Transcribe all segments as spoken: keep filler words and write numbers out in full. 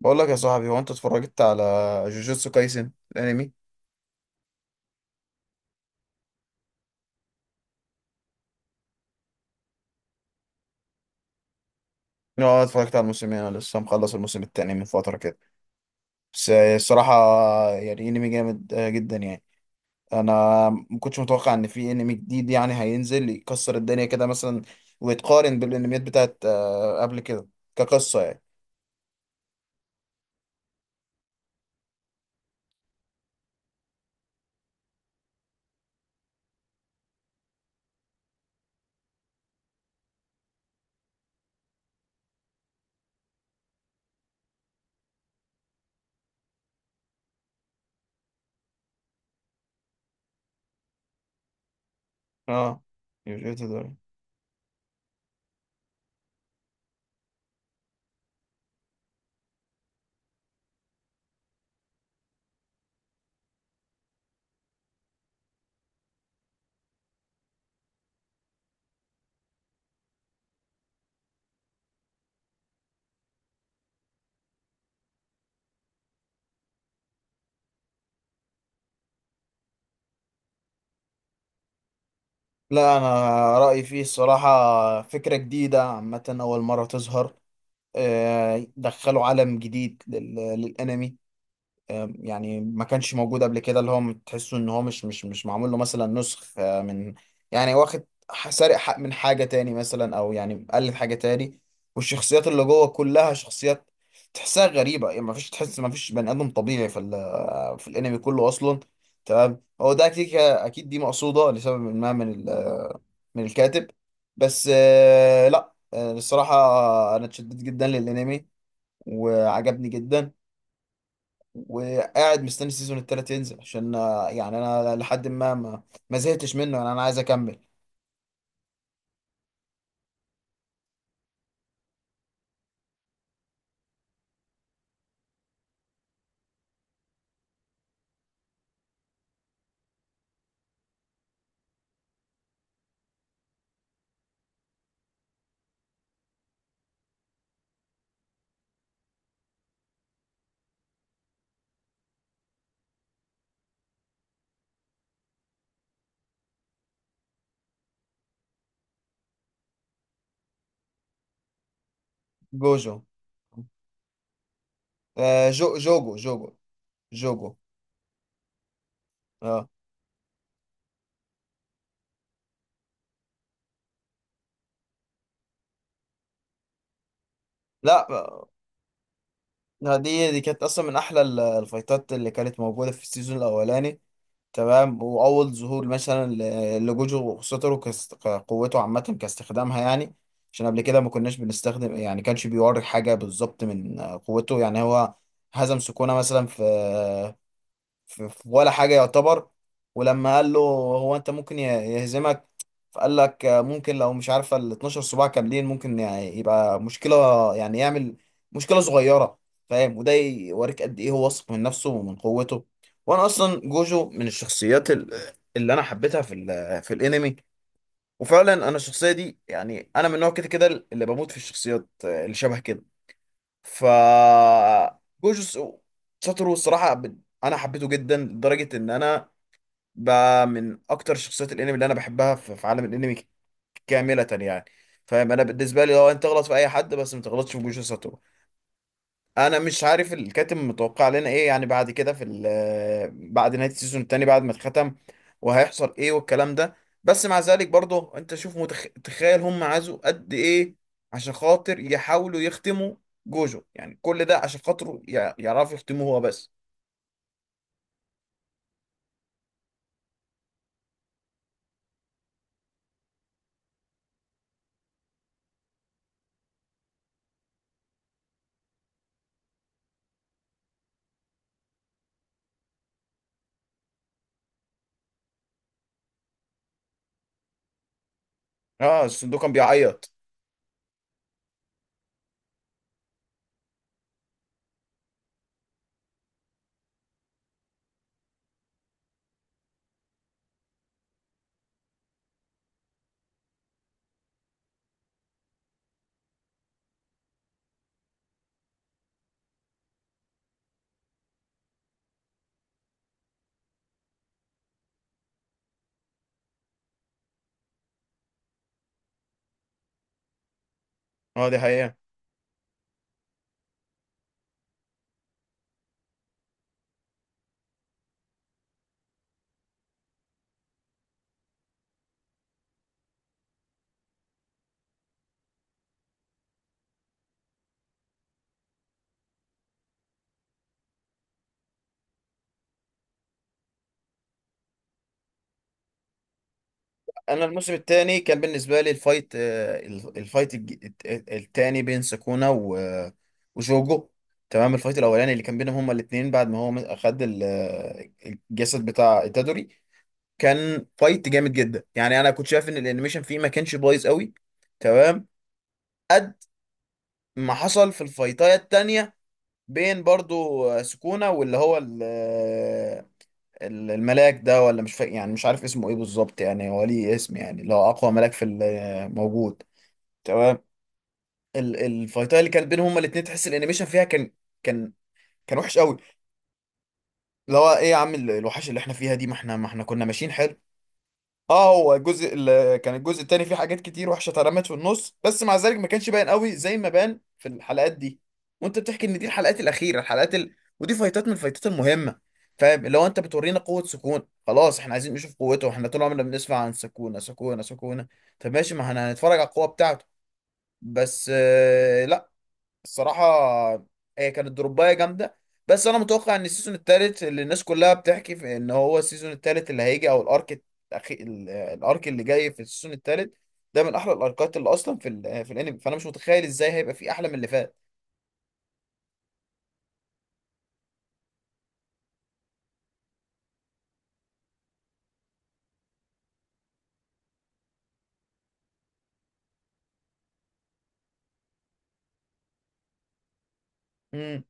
بقول لك يا صاحبي، هو انت اتفرجت على جوجوتسو كايسن الانمي؟ اه اتفرجت على الموسمين، انا لسه مخلص الموسم التاني من فتره كده. بس الصراحه يعني انمي جامد آه، جدا يعني. انا ما كنتش متوقع ان في انمي جديد يعني هينزل يكسر الدنيا كده مثلا، ويتقارن بالانميات بتاعت آه، قبل كده كقصه يعني. اه جوجوتسو ده، لا انا رايي فيه الصراحه فكره جديده عامه، اول مره تظهر. آه، دخلوا عالم جديد لل- للانمي. آه، يعني ما كانش موجود قبل كده، اللي هو تحسه ان هو مش مش مش معمول له مثلا نسخ، آه، من يعني واخد، ح- سارق حق من حاجة تاني مثلا، او يعني مقلد حاجة تاني. والشخصيات اللي جوه كلها شخصيات تحسها غريبة، يعني ما فيش، تحس ما فيش بني ادم طبيعي في ال- في الانمي كله اصلا. تمام، هو ده اكيد اكيد دي مقصودة لسبب ما من ال- من الكاتب. بس آه، لا آه، الصراحة انا اتشددت جدا للانمي، وعجبني جدا، وقاعد مستني السيزون التالت ينزل عشان، آه، يعني انا لحد ما ما, ما زهقتش منه، يعني انا عايز اكمل. جوجو، آه، جو جوجو جوجو جوجو. اه لا آه، دي دي كانت اصلا من احلى ال- الفايتات اللي كانت موجوده في السيزون الاولاني. تمام، واول ظهور مثلا ل- لجوجو وخسوترو كاست- كقوته عامه كاستخدامها يعني. عشان قبل كده ما كناش بنستخدم، يعني كانش بيوري حاجه بالظبط من آه، قوته يعني. هو هزم سكونة مثلا في، في في ولا حاجة يعتبر. ولما قال له هو انت ممكن يه- يهزمك، فقال لك آه، ممكن لو مش عارفة ال اتناشر صباع كاملين ممكن يعني يبقى مشكلة، يعني يعمل مشكلة صغيرة. فاهم؟ وده يوريك قد ايه هو واثق من نفسه ومن قوته. وانا اصلا جوجو من الشخصيات ال- اللي انا حبيتها في ال في الانمي. وفعلا انا الشخصية دي، يعني انا من نوع كده كده اللي بموت في الشخصيات آه، اللي شبه كده. ف، جوجوتسو ساتورو الصراحة، ب- أنا حبيته جدا لدرجة إن أنا بقى من أكتر شخصيات الأنمي اللي أنا بحبها في في عالم الأنمي كاملة يعني. فاهم أنا بالنسبة لي لو أنت تغلط في أي حد، بس ما تغلطش في جوجوتسو ساتورو. انا مش عارف الكاتب متوقع لنا ايه يعني بعد كده في ال- بعد نهايه السيزون التاني بعد ما اتختم، وهيحصل ايه والكلام ده. بس مع ذلك برضه انت شوف متخ... تخيل هم عازوا قد ايه عشان خاطر يحاولوا يختموا جوجو، يعني كل ده عشان خاطره ي... يعرفوا يختموه هو بس. اه الصندوق كان بيعيط. اه دي حقيقة. انا الموسم الثاني كان بالنسبه لي الفايت، آه، الفايت الثاني بين سكونا و- وجوجو. تمام، الفايت الاولاني اللي كان بينهم هما الاثنين بعد ما هو اخد ال- آه، الجسد بتاع itadori كان فايت جامد جدا، يعني انا كنت شايف ان الانيميشن فيه ما كانش بايظ قوي. تمام، قد ما حصل في الفايتايه التانية بين برضو آه، سكونا واللي هو ال- آه، ال- الملاك ده، ولا مش فاكر يعني، مش عارف اسمه ايه بالظبط يعني، هو ليه اسم يعني اللي هو اقوى ملاك في ال- آه، موجود. تمام، ال- الفايتات اللي كانت بينهم هما الاتنين تحس الانيميشن فيها كان كان كان وحش قوي. اللي هو ايه يا عم ال- الوحش اللي احنا فيها دي، ما احنا ما احنا كنا ماشيين حلو. اه، هو الجزء ال- كان الجزء التاني فيه حاجات كتير وحشه اترمت في النص، بس مع ذلك ما كانش باين قوي زي ما بان في الحلقات دي. وانت بتحكي ان دي الحلقات الاخيره، الحلقات ال... ودي فايتات من الفايتات المهمه. فاهم؟ لو انت بتورينا قوه سكون، خلاص احنا عايزين نشوف قوته، احنا طول عمرنا بنسمع عن سكونة سكونة سكونة. طب ماشي، ما احنا هنتفرج على القوه بتاعته. بس آه، لا الصراحة هي كانت دروباية جامدة. بس أنا متوقع إن السيزون التالت اللي الناس كلها بتحكي في إن هو السيزون التالت اللي هيجي، أو الأرك الأخي... ال- الأرك اللي جاي في السيزون التالت ده من أحلى الأركات اللي أصلا في ال... في الأنمي، فأنا مش متخيل إزاي هيبقى فيه أحلى من اللي فات. امم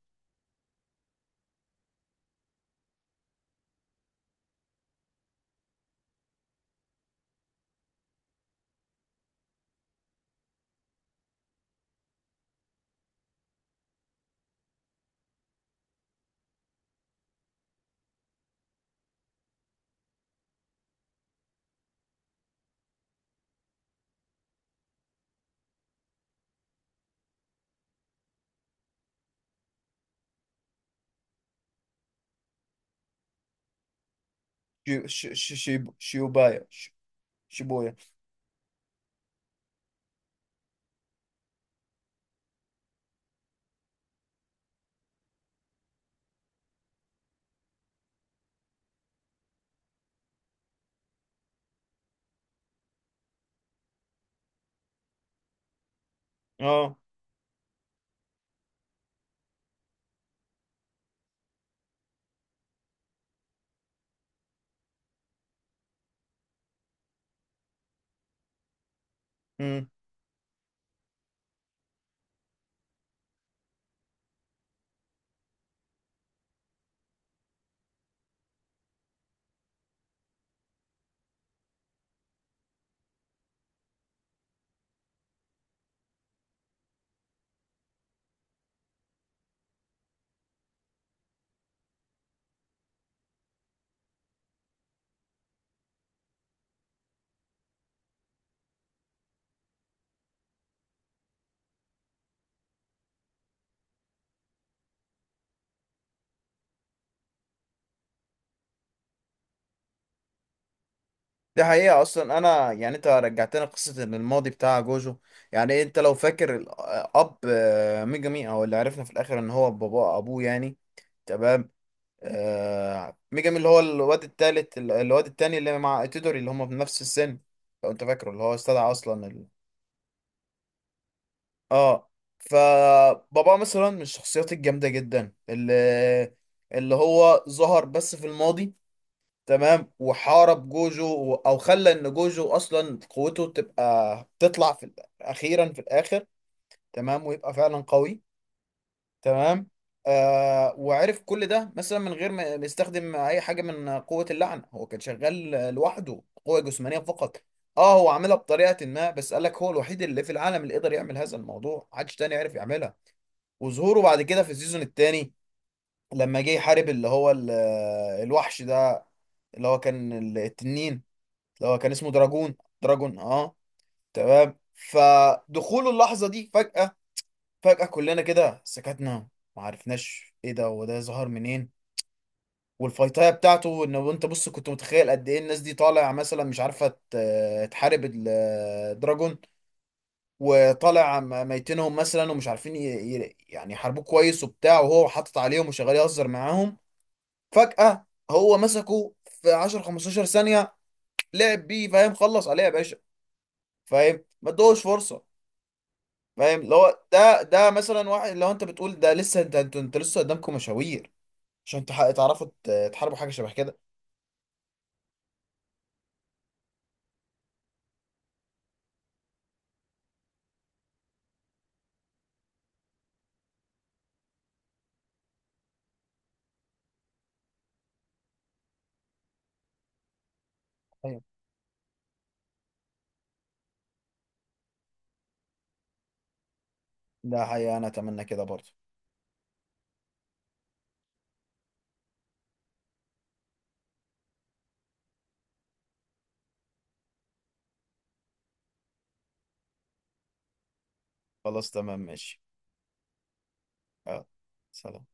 شي... شي... شي... شي- شيوبايا ش... شيبويا اه. امم دي حقيقة. أصلا أنا يعني أنت رجعتنا قصة إن الماضي بتاع جوجو، يعني أنت لو فاكر الأب آه، ميجامي، أو اللي عرفنا في الآخر إن هو بابا أبوه يعني. تمام، آه، ميجامي اللي هو الواد التالت الواد التاني اللي مع إتيدوري اللي هما في نفس السن. لو أنت فاكره اللي هو استدعى أصلا ال... آه. فبابا مثلا من الشخصيات الجامدة جدا اللي، اللي هو ظهر بس في الماضي. تمام، وحارب جوجو و- او خلى ان جوجو اصلا قوته تبقى تطلع في ال- اخيرا في الاخر. تمام، ويبقى فعلا قوي. تمام، آه وعرف كل ده مثلا من غير ما ما يستخدم اي حاجه من قوه اللعنه، هو كان شغال لوحده قوه جسمانيه فقط. اه هو عاملها بطريقه ما، بس قال لك هو الوحيد اللي في العالم اللي قدر يعمل هذا الموضوع، محدش تاني عرف يعملها. وظهوره بعد كده في السيزون التاني لما جه يحارب اللي هو ال- الوحش ده اللي هو كان التنين، اللي هو كان اسمه دراجون. دراجون اه. تمام، فدخول اللحظة دي فجأة، فجأة كلنا كده سكتنا، ما عرفناش ايه ده، هو ده ظهر منين. والفايتاية بتاعته ان انت بص كنت متخيل قد ايه الناس دي طالع مثلا مش عارفة ت- تحارب الدراجون، وطالع م- ميتينهم مثلا ومش عارفين ي- ي- يعني يحاربوه كويس وبتاع، وهو حاطط عليهم وشغال يهزر معاهم. فجأة هو مسكه في عشرة خمستاشر ثانية، لعب بيه. فاهم؟ خلص عليه يا باشا. فاهم؟ ما ادوش فرصة. فاهم؟ اللي هو ده ده مثلا واحد لو انت بتقول ده، لسه انت انت, انت لسه قدامكم مشاوير عشان تح- تعرفوا ت- تحاربوا حاجه شبه كده. ايوه ده حقيقة، انا اتمنى كده برضه. خلاص تمام ماشي. اه سلام.